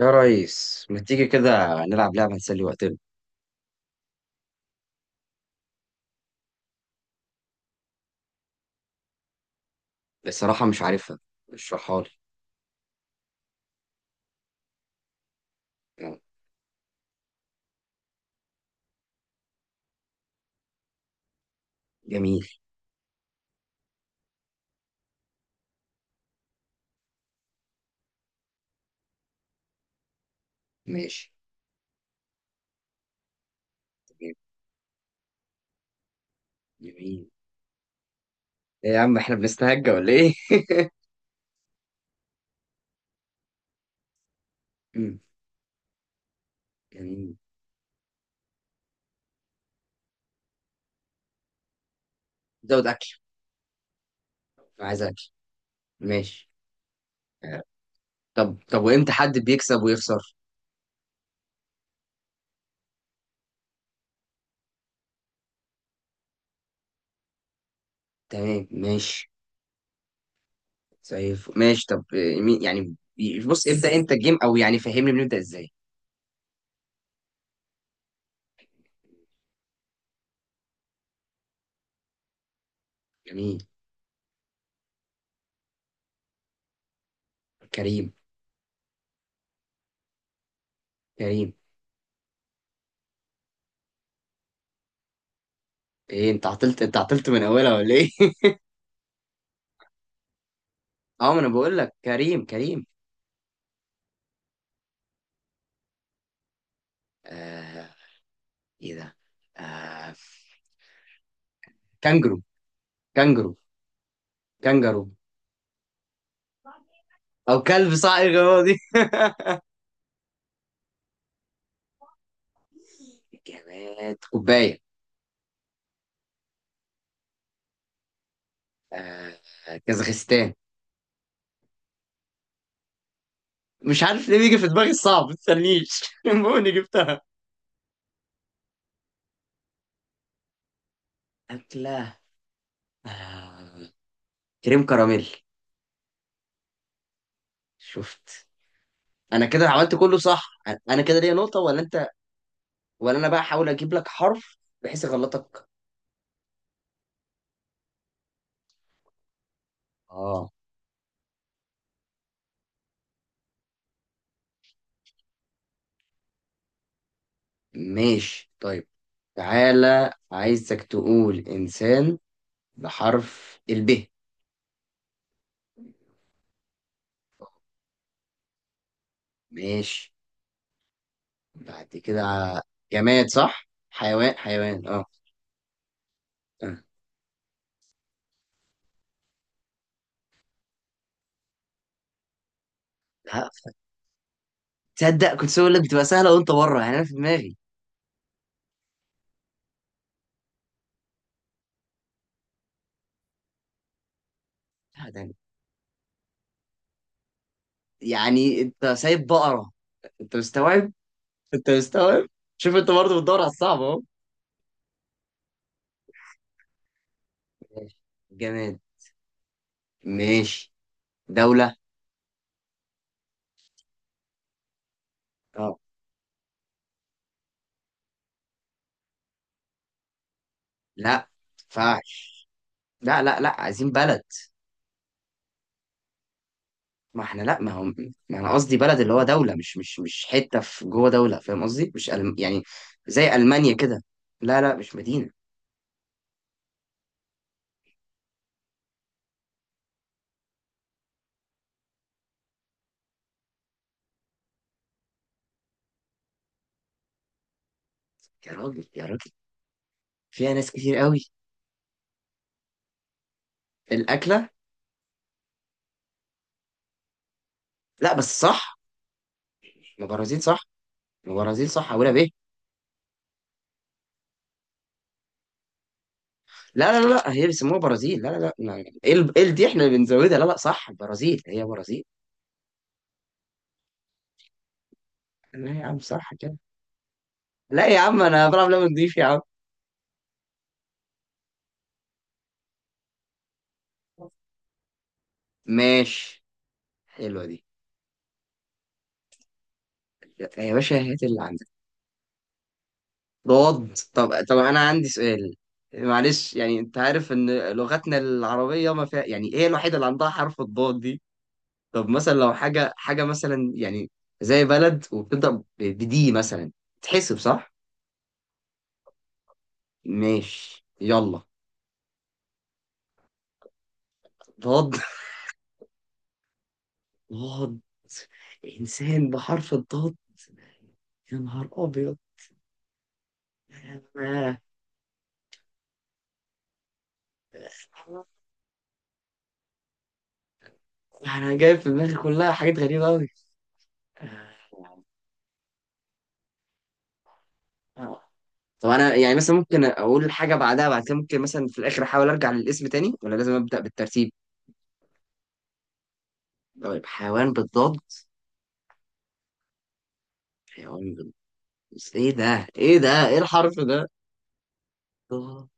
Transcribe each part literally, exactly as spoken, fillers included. يا ريس ما تيجي كده نلعب لعبة نسلي وقتنا. بصراحة مش عارفها، اشرحها لي. آه، جميل. ماشي. تمام. جميل. ايه يا عم احنا بنستهجى ولا ايه؟ مم، جميل. زود أكل، أنا عايز أكل. ماشي. آه، طب طب وإمتى حد بيكسب ويخسر؟ تمام ماشي. زي الف- ماشي. طب، آه، مين- يعني بي- بص ابدأ أنت الجيم، أو يعني فهمني بنبدأ إزاي؟ جميل. كريم. كريم. ايه انت عطلت انت عطلت من اولها ولا ايه؟ اه ما انا بقول لك كريم. كريم. آه. ايه ده. آه... كانجرو. كانجرو. كانجرو. او كلب صائغ هو دي. جماد كوبايه. آه... كازاخستان. مش عارف ليه بيجي في دماغي الصعب، ما تستنيش المهم جبتها. اكله. آه... كريم كراميل. شفت، انا كده عملت كله صح. انا كده ليا نقطه ولا انت؟ ولا انا بقى احاول اجيب لك حرف بحيث اغلطك. اه ماشي طيب. تعالى عايزك تقول انسان بحرف الب. ماشي. بعد كده. جماد، صح، حيوان. حيوان اه. آه. لا، تصدق كنت اقول لك بتبقى سهله وانت بره، يعني انا في دماغي. لا، ده أنا- يعني انت سايب بقره؟ انت مستوعب. انت مستوعب. شوف انت برضه بتدور على الصعب اهو. ماشي. جماد. ماشي. دوله. اه. لا ما ينفعش، لا لا لا عايزين بلد. ما احنا لا، ما هو ما انا قصدي بلد اللي هو دوله، مش مش مش حته في جوه دوله، فاهم قصدي، مش ألم... يعني زي المانيا كده. لا لا مش مدينه. يا راجل يا راجل فيها ناس كتير قوي. الاكله. لا بس صح، البرازيل صح. البرازيل صح، اولها بايه. لا لا لا هي بيسموها برازيل، لا لا لا ما- ايه ال- إيه ال- دي احنا اللي بنزودها، لا لا صح، البرازيل هي برازيل. لا يا عم صح كده. لا يا عم انا بلعب لعبه نضيف يا عم. ماشي. حلوه دي. يا باشا هات اللي عندك. رد. طب طب انا عندي سؤال. معلش، يعني انت عارف ان لغتنا العربيه ما فيها، يعني ايه الوحيده اللي عندها حرف الضاد دي. طب مثلا لو حاجة حاجة مثلا، يعني زي بلد وبتبدأ ب- بدي مثلا، تحسب صح؟ ماشي يلا. ضاد. ضاد. إنسان بحرف الضاد. يا نهار أبيض. أنا. أنا جايب في دماغي كلها حاجات غريبة أوي. آه. آه. طب أنا يعني مثلا ممكن أقول حاجة بعدها، بعد كده ممكن مثلا في الآخر أحاول أرجع للاسم تاني، ولا لازم أبدأ بالترتيب؟ طيب حيوان بالضاد. حيوان بالضاد. إيه ده؟ إيه ده؟ إيه الحرف ده؟ ضاد.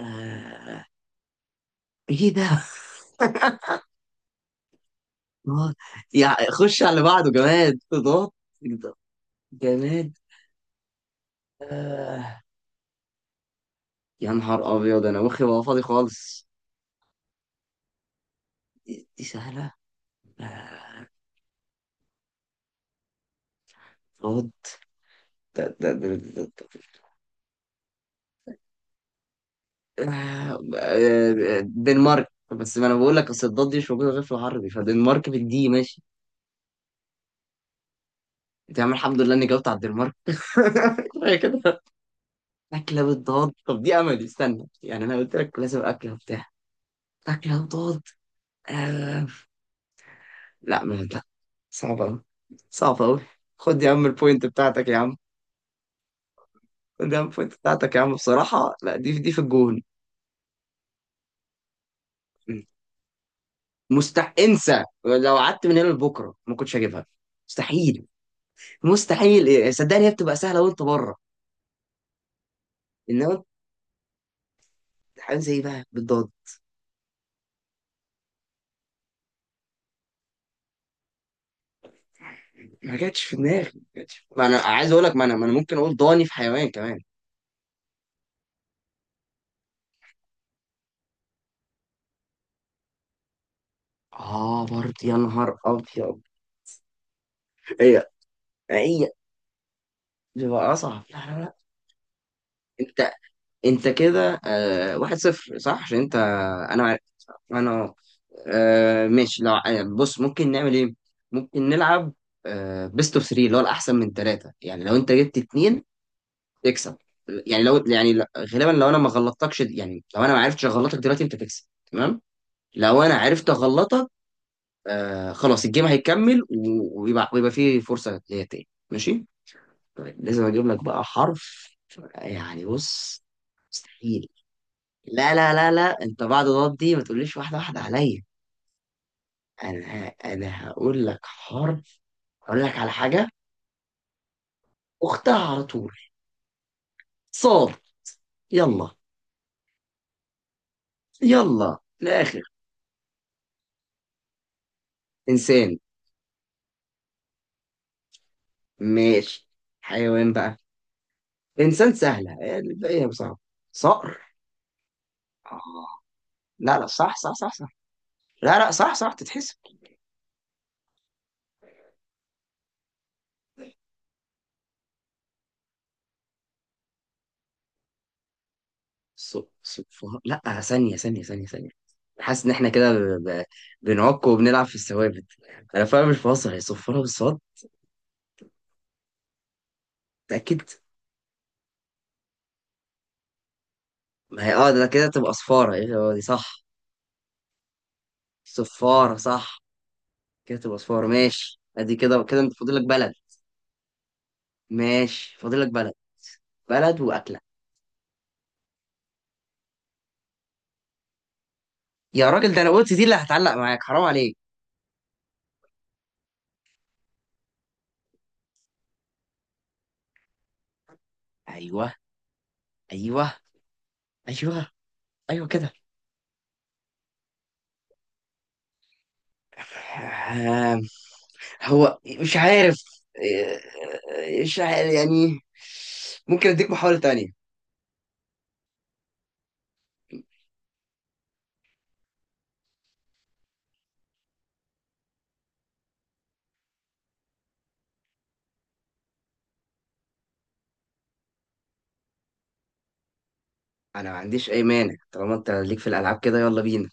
آه. ايه ده؟ آه، يعني خش على بعضه جماد اضاءات. جماد. آه. يا نهار ابيض انا مخي بقى فاضي خالص. دي, دي سهله. آه، اضاءات. ده- ده- ده- ده- ده- آه، آه، دنمارك. بس ما انا بقول لك اصل الضاد دي مش موجوده غير في العربي، فدنمارك بالدي ماشي. يا عم الحمد لله اني جاوبت على الدنمارك كفايه كده. اكله بالضاد، طب دي املي، استنى، يعني انا قلت لك لازم اكله وبتاع. اكله بالضاد. آه. لا ما لا. صعب أوي. صعب أوي. خد يا عم البوينت بتاعتك يا عم. خد يا عم البوينت بتاعتك يا عم، بصراحة لا دي, دي في الجون. مستح- انسى، لو قعدت من هنا لبكرة ما كنتش هجيبها. مستحيل. مستحيل إيه، صدقني هي بتبقى سهلة وأنت بره. إنما حاجات زي إيه بقى بالضاد؟ ما جاتش في دماغي، ما جاتش. ما أنا عايز أقول لك، ما أنا ما أنا ممكن أقول ضاني في حيوان كمان. آه برضه يا نهار أبيض. هي، هي بتبقى أصعب. لا لا لا. انت، انت كده آه واحد صفر صح، عشان انت. انا عارف. انا. آه ماشي. لو آه، بص ممكن نعمل ايه، ممكن نلعب، آه، بيست اوف ثلاثة اللي هو الاحسن من ثلاثة، يعني لو انت جبت اتنين تكسب. يعني لو يعني ل- غالبا لو انا ما غلطتكش، يعني لو انا ما عرفتش اغلطك دلوقتي انت تكسب. تمام. لو انا عرفت اغلطك، آه خلاص الجيم هيكمل، و- ويبقى ويبقى فيه فرصة ليا تاني ماشي. طيب لازم اجيب لك بقى حرف، يعني بص. مستحيل. لا لا لا لا، انت بعد الغلط دي ما تقوليش واحده واحده عليا. انا ه- انا هقول لك حرف. هقول لك على حاجه اختها على طول. صاد. يلا. يلا الاخر. انسان. ماشي. حيوان بقى. انسان سهله، الباقي صعب. صقر. آه. لا لا صح صح صح صح. لا لا صح صح تتحسب. ص- صفها، لا، ثانيه ثانيه ثانيه ثانيه. حاسس ان احنا كده ب... ب... بنعك وبنلعب في الثوابت. انا فعلا مش بهزر، هي صفارة بالصاد. متأكد. ما هي اه ده كده تبقى صفارة، ايه هو دي صح. صفارة صح، كده تبقى صفارة ماشي. ادي كده كده انت فاضلك بلد. ماشي فاضلك بلد. بلد وأكلة. يا راجل ده انا قلت دي اللي هتعلق معاك، حرام عليك. ايوه. ايوه. ايوه. ايوه كده. آه، هو مش عارف. آه، مش عارف يعني. ممكن اديك محاولة تانية. انا ما عنديش اي مانع، طالما انت ليك في الالعاب كده يلا بينا.